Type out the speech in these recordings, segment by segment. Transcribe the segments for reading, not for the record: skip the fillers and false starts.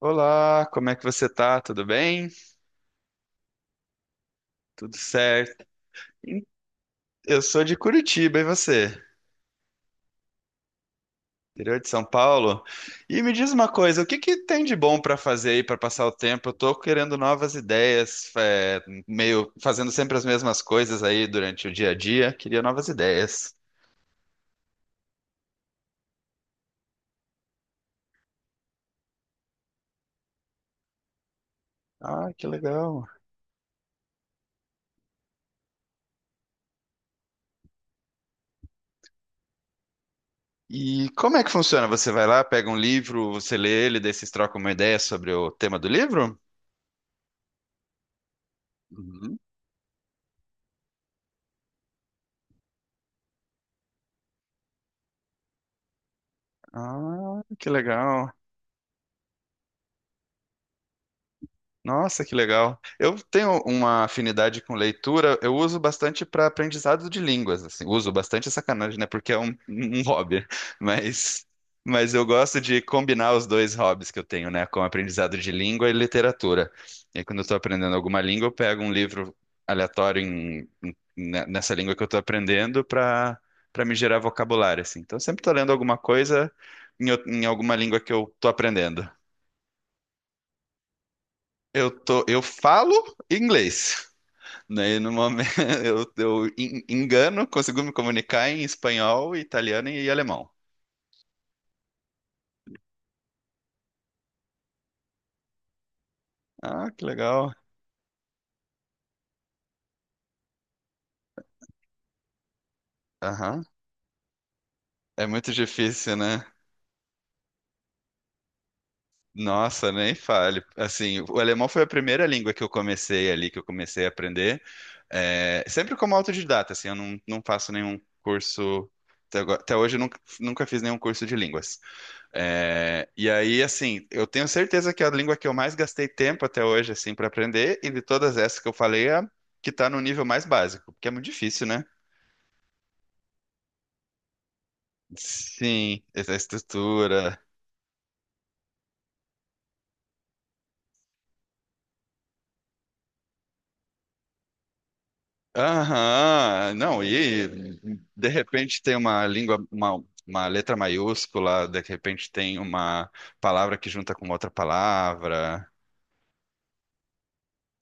Olá, como é que você tá? Tudo bem? Tudo certo? Em- Eu sou de Curitiba, e você? Interior de São Paulo? E me diz uma coisa, o que que tem de bom pra fazer aí pra passar o tempo? Eu tô querendo novas ideias, meio fazendo sempre as mesmas coisas aí durante o dia a dia. Queria novas ideias. Ah, que legal. E como é que funciona? Você vai lá, pega um livro, você lê ele, daí vocês trocam uma ideia sobre o tema do livro? Uhum. Ah, que legal. Nossa, que legal. Eu tenho uma afinidade com leitura, eu uso bastante para aprendizado de línguas, assim. Uso bastante é sacanagem, né? Porque é um hobby, mas mas eu gosto de combinar os dois hobbies que eu tenho, né, com aprendizado de língua e literatura. E aí, quando eu estou aprendendo alguma língua, eu pego um livro aleatório nessa língua que eu estou aprendendo para me gerar vocabulário, assim. Então, eu sempre estou lendo alguma coisa em alguma língua que eu estou aprendendo. Eu falo inglês. Daí, no momento, engano, consigo me comunicar em espanhol, italiano e alemão. Ah, que legal. Aham. É muito difícil, né? Nossa, nem fale. Assim, o alemão foi a primeira língua que eu comecei ali, que eu comecei a aprender. É, sempre como autodidata, assim, eu não, não faço nenhum curso. Até hoje eu nunca, nunca fiz nenhum curso de línguas. É, e aí, assim, eu tenho certeza que é a língua que eu mais gastei tempo até hoje, assim, para aprender, e de todas essas que eu falei, é a que tá no nível mais básico, porque é muito difícil, né? Sim, essa estrutura. Aham, não, e de repente tem uma língua, uma letra maiúscula, de repente tem uma palavra que junta com outra palavra.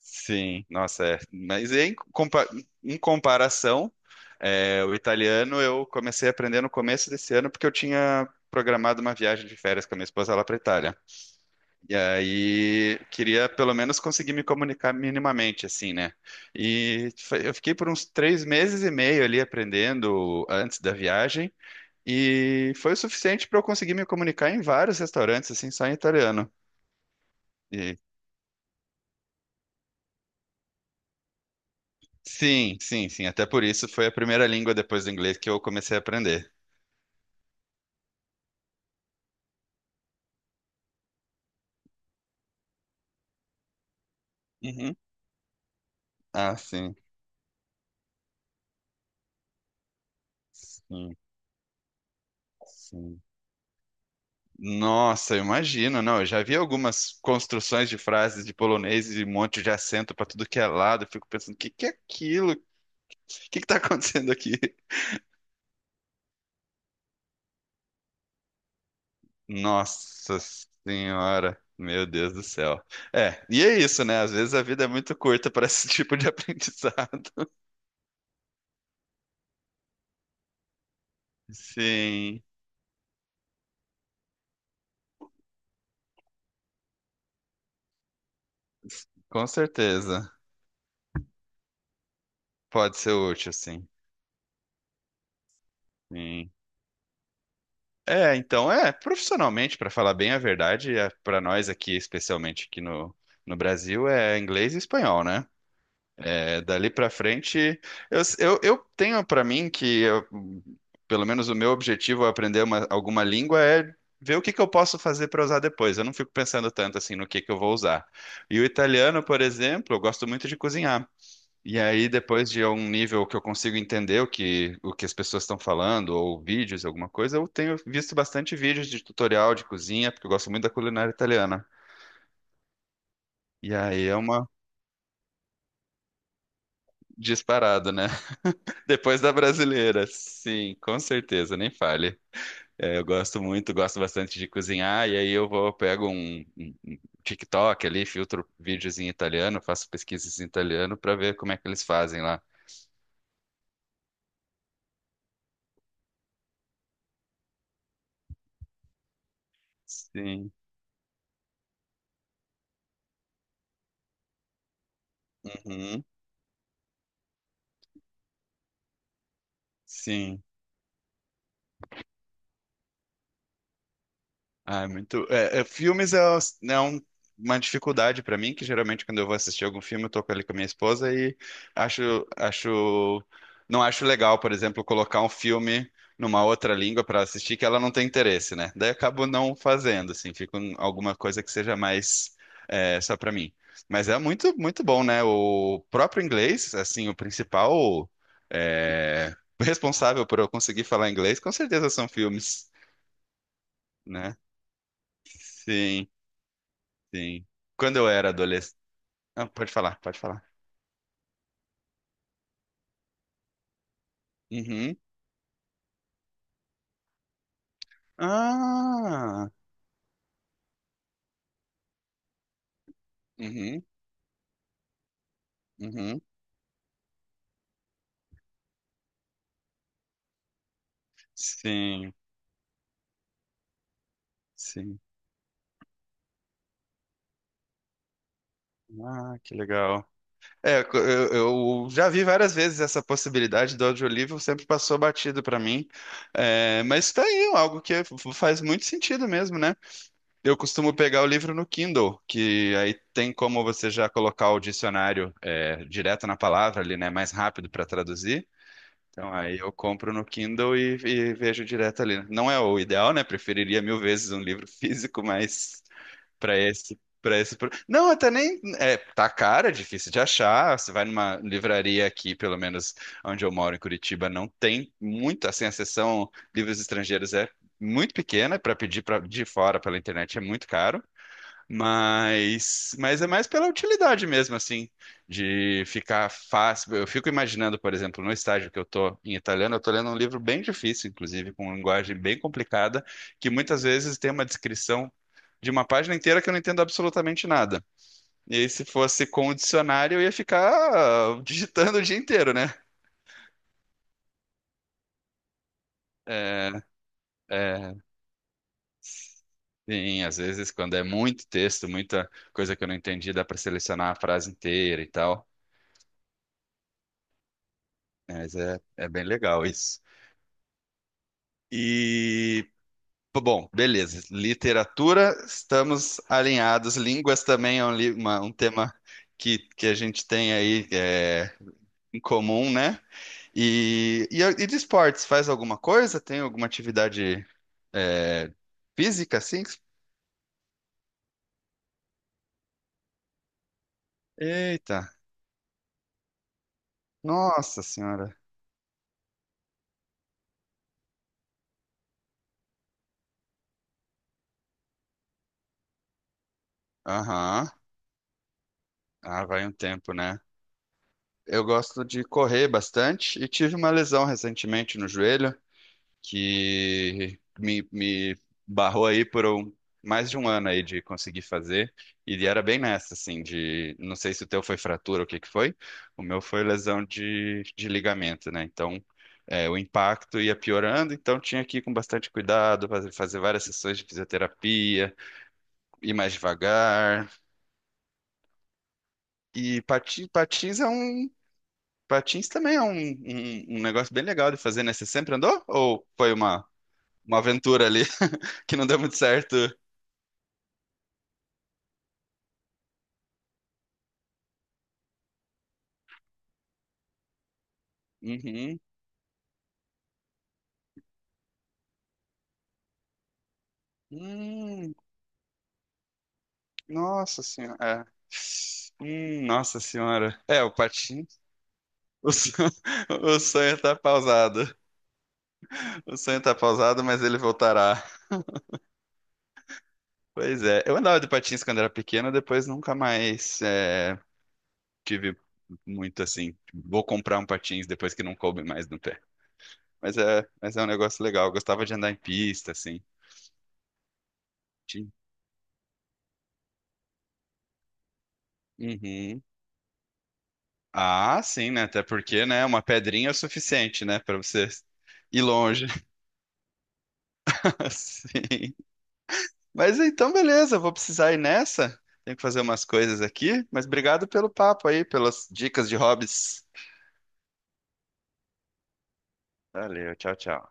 Sim, nossa, é. Em comparação, o italiano eu comecei a aprender no começo desse ano porque eu tinha programado uma viagem de férias com a minha esposa lá para Itália. E aí queria pelo menos conseguir me comunicar minimamente, assim, né? Eu fiquei por uns três meses e meio ali aprendendo antes da viagem e foi o suficiente para eu conseguir me comunicar em vários restaurantes, assim, só em italiano. Sim, sim, sim. Até por isso foi a primeira língua depois do inglês que eu comecei a aprender. Uhum. Ah, sim. Sim, sim. Nossa, eu imagino, não. Eu já vi algumas construções de frases de polonês e um monte de acento pra tudo que é lado. Eu fico pensando, o que que é aquilo? O que que tá acontecendo aqui? Nossa Senhora, meu Deus do céu. É, e é isso, né? Às vezes a vida é muito curta para esse tipo de aprendizado. Sim, com certeza. Pode ser útil, sim. Sim. É, então, profissionalmente, para falar bem a verdade, para nós aqui, especialmente aqui no Brasil, é inglês e espanhol, né? É, dali para frente, eu tenho para mim que pelo menos o meu objetivo ao aprender alguma língua é ver o que que eu posso fazer para usar depois. Eu não fico pensando tanto assim no que eu vou usar. E o italiano, por exemplo, eu gosto muito de cozinhar. E aí, depois de um nível que eu consigo entender o que as pessoas estão falando, ou vídeos, alguma coisa, eu tenho visto bastante vídeos de tutorial de cozinha, porque eu gosto muito da culinária italiana. E aí é uma disparada, né? Depois da brasileira, sim, com certeza, nem fale. É, gosto bastante de cozinhar, e aí eu vou, pego um TikTok ali, filtro vídeos em italiano, faço pesquisas em italiano para ver como é que eles fazem lá. Sim. Uhum. Sim. Ah, é muito. Filmes é, é um- uma dificuldade pra mim, que geralmente quando eu vou assistir algum filme, eu tô ali com a minha esposa e acho, acho, não acho legal, por exemplo, colocar um filme numa outra língua pra assistir que ela não tem interesse, né? Daí eu acabo não fazendo, assim, fico em alguma coisa que seja mais só pra mim. Mas é muito, muito bom, né? O próprio inglês, assim, o principal responsável por eu conseguir falar inglês, com certeza são filmes, né? Sim. Sim. Quando eu era adolescente. Ah, pode falar, pode falar. Uhum. Ah! Uhum, uhum. Sim, sim. Ah, que legal. É, co- eu, eu já vi várias vezes essa possibilidade do audiolivro, sempre passou batido pra mim. É, mas tá aí, algo que faz muito sentido mesmo, né? Eu costumo pegar o livro no Kindle, que aí tem como você já colocar o dicionário direto na palavra ali, né? Mais rápido para traduzir. Então, aí eu compro no Kindle e vejo direto ali, né? Não é o ideal, né? Preferiria mil vezes um livro físico, mas para esse, pro- não, até nem é, tá cara, difícil de achar. Você vai numa livraria aqui, pelo menos onde eu moro em Curitiba, não tem muito, assim, a seção livros estrangeiros é muito pequena, para pedir de fora pela internet é muito caro. Mas é mais pela utilidade mesmo, assim, de ficar fácil. Eu fico imaginando, por exemplo, no estágio que eu tô em italiano, eu tô lendo um livro bem difícil, inclusive, com linguagem bem complicada, que muitas vezes tem uma descrição de uma página inteira que eu não entendo absolutamente nada. E aí, se fosse com o dicionário, eu ia ficar ah, digitando o dia inteiro, né? É, é, sim, às vezes quando é muito texto, muita coisa que eu não entendi, dá para selecionar a frase inteira e tal. Mas é bem legal isso. E, bom, beleza. Literatura, estamos alinhados. Línguas também é um tema que a gente tem aí em comum, né? E de esportes, faz alguma coisa? Tem alguma atividade é, física, assim? Eita, nossa senhora. Aham. Ah, vai um tempo, né? Eu gosto de correr bastante e tive uma lesão recentemente no joelho, me barrou aí mais de um ano aí de conseguir fazer. E era bem nessa, assim, de não sei se o teu foi fratura ou o que que foi. O meu foi lesão de ligamento, né? Então, o impacto ia piorando, então tinha que ir com bastante cuidado, fazer várias sessões de fisioterapia, ir mais devagar. Patins é um. Patins também é um negócio bem legal de fazer, né? Você sempre andou? Ou foi uma aventura ali que não deu muito certo? Uhum. Hum, nossa senhora. É. Nossa senhora. É, o Patins. O sonho, o sonho tá pausado. O sonho tá pausado, mas ele voltará. Pois é. Eu andava de patins quando era pequeno, depois nunca mais tive muito assim. Vou comprar um patins depois que não coube mais no pé. Mas é um negócio legal. Eu gostava de andar em pista, assim. Tinha- Uhum. Ah, sim, né? Até porque, né? Uma pedrinha é o suficiente, né? Pra você ir longe. Sim. Mas então, beleza, eu vou precisar ir nessa. Tenho que fazer umas coisas aqui, mas obrigado pelo papo aí, pelas dicas de hobbies. Valeu, tchau, tchau.